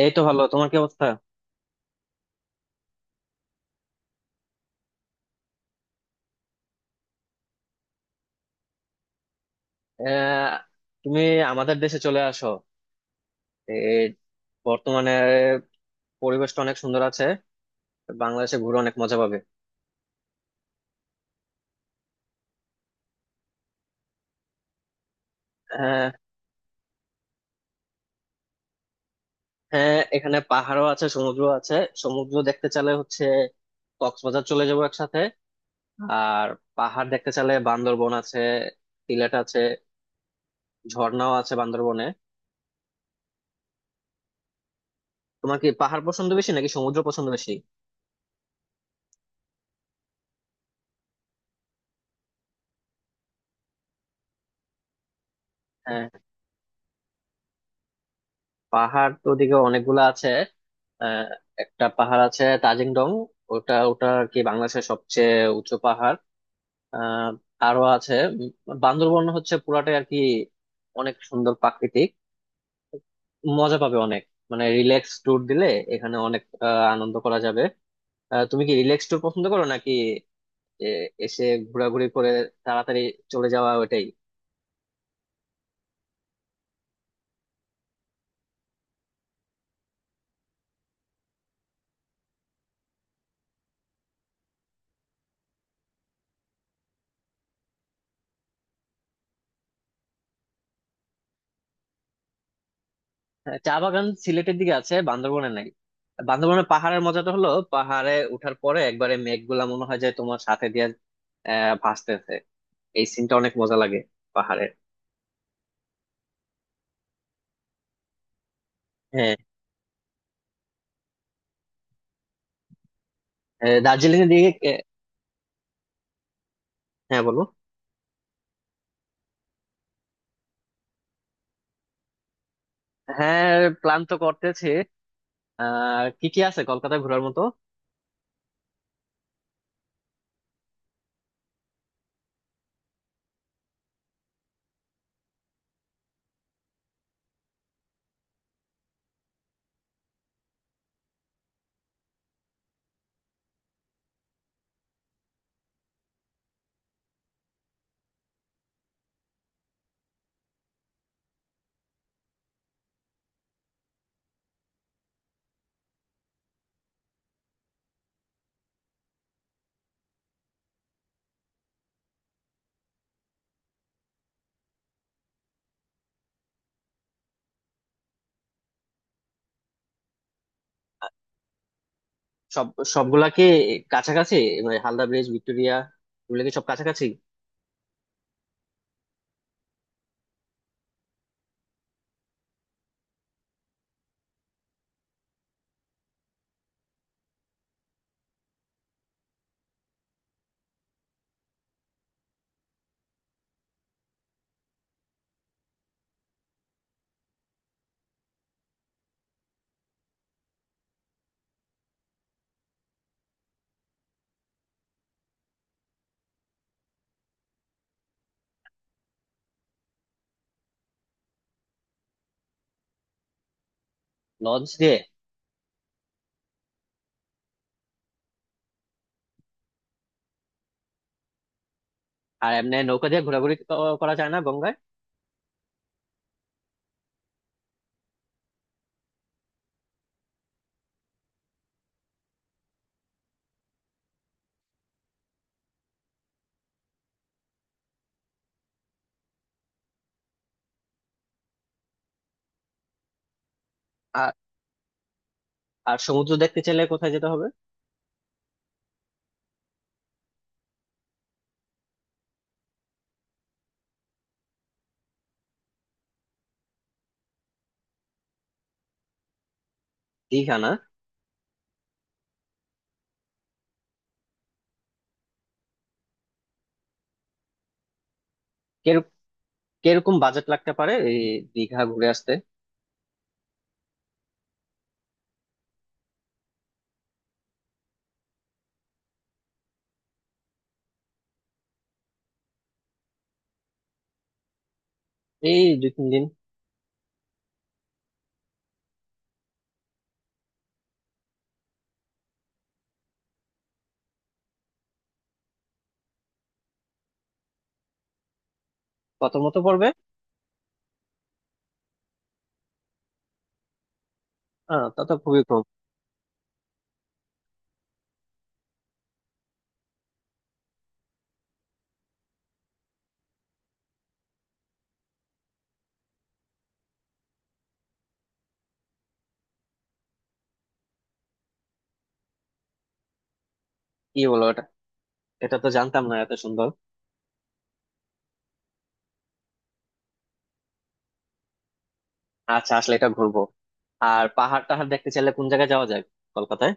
এই তো ভালো। তোমার কি অবস্থা? আহ, তুমি আমাদের দেশে চলে আসো। এই বর্তমানে পরিবেশটা অনেক সুন্দর আছে। বাংলাদেশে ঘুরে অনেক মজা পাবে। আহ, হ্যাঁ, এখানে পাহাড়ও আছে, সমুদ্র আছে। সমুদ্র দেখতে চাইলে হচ্ছে কক্সবাজার চলে যাবো একসাথে। আর পাহাড় দেখতে চাইলে বান্দরবন আছে, সিলেট আছে, ঝর্ণাও আছে বান্দরবনে। তোমার কি পাহাড় পছন্দ বেশি নাকি সমুদ্র পছন্দ বেশি? পাহাড় তো ওদিকে অনেকগুলো আছে। আহ, একটা পাহাড় আছে তাজিং ডং। ওটা ওটা আর কি বাংলাদেশের সবচেয়ে উঁচু পাহাড়। আহ, আরো আছে। বান্দরবন হচ্ছে পুরাটাই আর কি অনেক সুন্দর প্রাকৃতিক। মজা পাবে অনেক, মানে রিল্যাক্স ট্যুর দিলে এখানে অনেক আনন্দ করা যাবে। তুমি কি রিল্যাক্স ট্যুর পছন্দ করো, নাকি এ, এসে ঘোরাঘুরি করে তাড়াতাড়ি চলে যাওয়া ওটাই? হ্যাঁ, চা বাগান সিলেটের দিকে আছে, বান্দরবনে নাই। বান্দরবনের পাহাড়ের মজাটা হলো পাহাড়ে উঠার পরে একবারে মেঘগুলা মনে হয় যে তোমার সাথে দিয়ে আহ ভাসতেছে। এই সিনটা অনেক মজা লাগে পাহাড়ে। হ্যাঁ, দার্জিলিং এর দিকে হ্যাঁ বলো। হ্যাঁ, প্ল্যান তো করতেছি। আহ, কি কি আছে কলকাতা ঘোরার মতো? সব, সবগুলা কি কাছাকাছি? মানে হালদা ব্রিজ, ভিক্টোরিয়া, এগুলো কি সব কাছাকাছি? লঞ্চ দিয়ে? আর এমনি নৌকা দিয়ে ঘোরাঘুরি করা যায় না গঙ্গায়? আর আর সমুদ্র দেখতে চাইলে কোথায় যেতে হবে? দীঘা না? কিরকম বাজেট লাগতে পারে এই দীঘা ঘুরে আসতে? এই দুই তিন দিন। কত মতো পড়বে? আহ, তা তো খুবই কম। কি বলো এটা, এটা তো জানতাম না। এত সুন্দর! আচ্ছা, আসলে এটা ঘুরবো। আর পাহাড় টাহাড় দেখতে চাইলে কোন জায়গায় যাওয়া যায় কলকাতায়?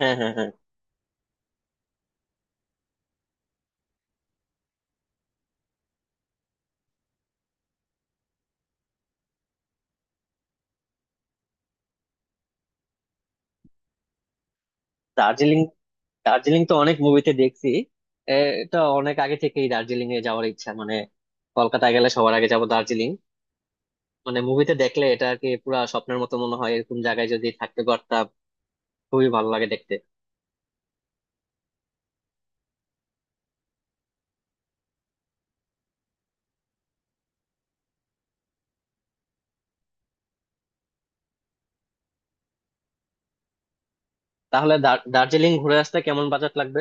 হ্যাঁ, হ্যাঁ, হ্যাঁ। দার্জিলিং, দার্জিলিং তো অনেক মুভিতে দেখছি। এ, এটা অনেক আগে থেকেই দার্জিলিং এ যাওয়ার ইচ্ছা। মানে কলকাতায় গেলে সবার আগে যাব দার্জিলিং। মানে মুভিতে দেখলে এটা আর কি পুরা স্বপ্নের মতো মনে হয়, এরকম জায়গায় যদি থাকতে পারতাম। খুবই ভালো লাগে দেখতে। তাহলে দার্জিলিং ঘুরে আসতে কেমন বাজেট লাগবে?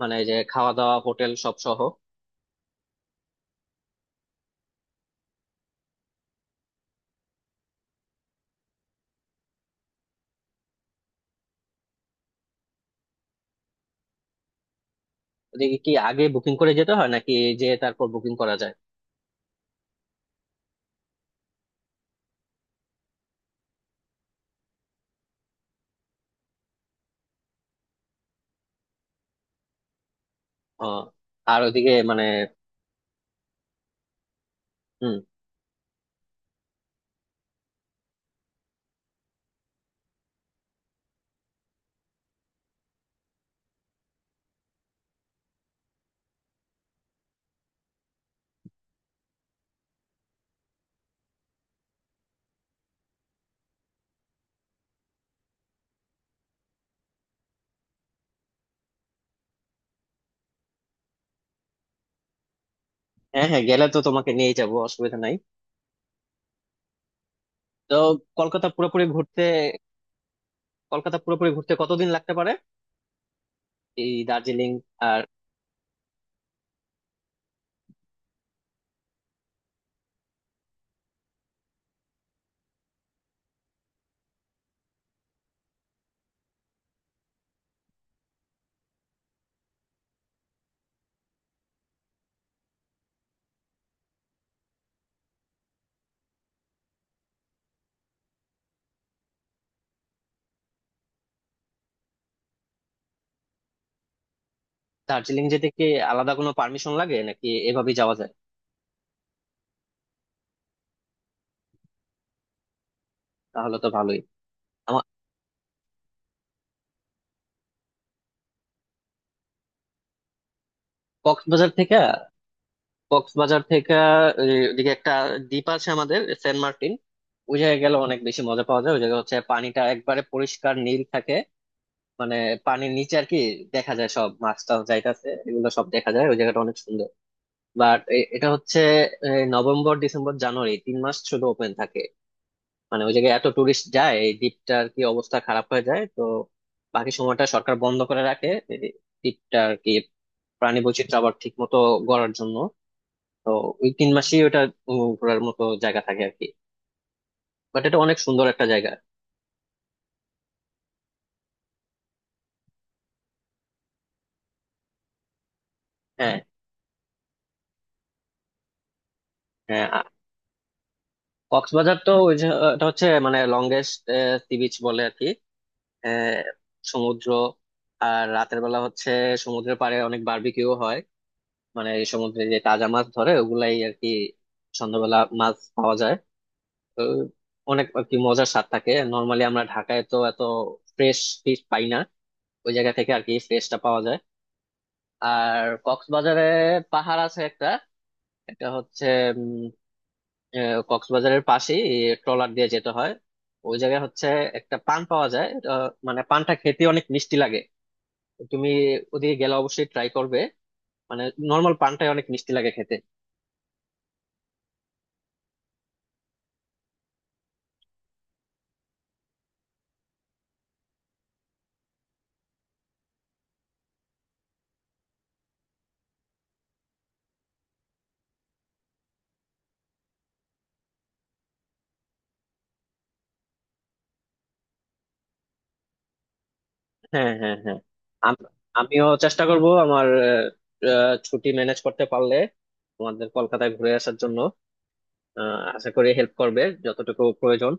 মানে এই যে খাওয়া দাওয়া হোটেল সব সহ। ওদিকে কি আগে বুকিং করে যেতে হয় নাকি যে তারপর বুকিং করা যায়? ও, আর ওদিকে মানে হুম। হ্যাঁ, হ্যাঁ, গেলে তো তোমাকে নিয়েই যাবো, অসুবিধা নাই। তো কলকাতা পুরোপুরি ঘুরতে, কলকাতা পুরোপুরি ঘুরতে কতদিন লাগতে পারে? এই দার্জিলিং আর দার্জিলিং যেতে কি আলাদা কোনো পারমিশন লাগে নাকি এভাবেই যাওয়া যায়? তাহলে তো ভালোই। আমার কক্সবাজার থেকে, কক্সবাজার থেকে এই, ওদিকে একটা দ্বীপ আছে আমাদের সেন্ট মার্টিন। ওই জায়গায় গেলে অনেক বেশি মজা পাওয়া যায়। ওই জায়গায় হচ্ছে পানিটা একবারে পরিষ্কার নীল থাকে। মানে পানির নিচে আর কি দেখা যায়, সব মাছ টাছ যাইতাছে এগুলো সব দেখা যায়। ওই জায়গাটা অনেক সুন্দর। বাট এটা হচ্ছে এই, নভেম্বর, ডিসেম্বর, জানুয়ারি 3 মাস শুধু ওপেন থাকে। মানে ওই জায়গায় এত টুরিস্ট যায়, এই দ্বীপটার কি অবস্থা খারাপ হয়ে যায়, তো বাকি সময়টা সরকার বন্ধ করে রাখে এই দ্বীপটা আর কি, প্রাণী বৈচিত্র্য আবার ঠিক মতো গড়ার জন্য। তো ওই 3 মাসেই ওটা ঘোরার মতো জায়গা থাকে আর কি। বাট এটা অনেক সুন্দর একটা জায়গা। হ্যাঁ, হ্যাঁ। কক্সবাজার তো ওই যে এটা হচ্ছে মানে লংগেস্ট সি বিচ বলে আর কি। আহ, সমুদ্র। আর রাতের বেলা হচ্ছে সমুদ্রের পাড়ে অনেক বারবিকিউ হয়। মানে এই সমুদ্রে যে তাজা মাছ ধরে ওগুলাই আর কি সন্ধ্যাবেলা মাছ পাওয়া যায়। তো অনেক আর কি মজার স্বাদ থাকে। নর্মালি আমরা ঢাকায় তো এত ফ্রেশ ফিশ পাই না, ওই জায়গা থেকে আর কি ফ্রেশটা পাওয়া যায়। আর কক্সবাজারে পাহাড় আছে একটা। এটা হচ্ছে উম, কক্সবাজারের পাশেই, ট্রলার দিয়ে যেতে হয়। ওই জায়গায় হচ্ছে একটা পান পাওয়া যায় এটা, মানে পানটা খেতে অনেক মিষ্টি লাগে। তুমি ওদিকে গেলে অবশ্যই ট্রাই করবে। মানে নর্মাল পানটাই অনেক মিষ্টি লাগে খেতে। হ্যাঁ, হ্যাঁ, হ্যাঁ। আম- আমিও চেষ্টা করব আমার, ছুটি ম্যানেজ করতে পারলে তোমাদের কলকাতায় ঘুরে আসার জন্য। আশা করি হেল্প করবে যতটুকু প্রয়োজন।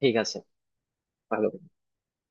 ঠিক আছে, ভালো।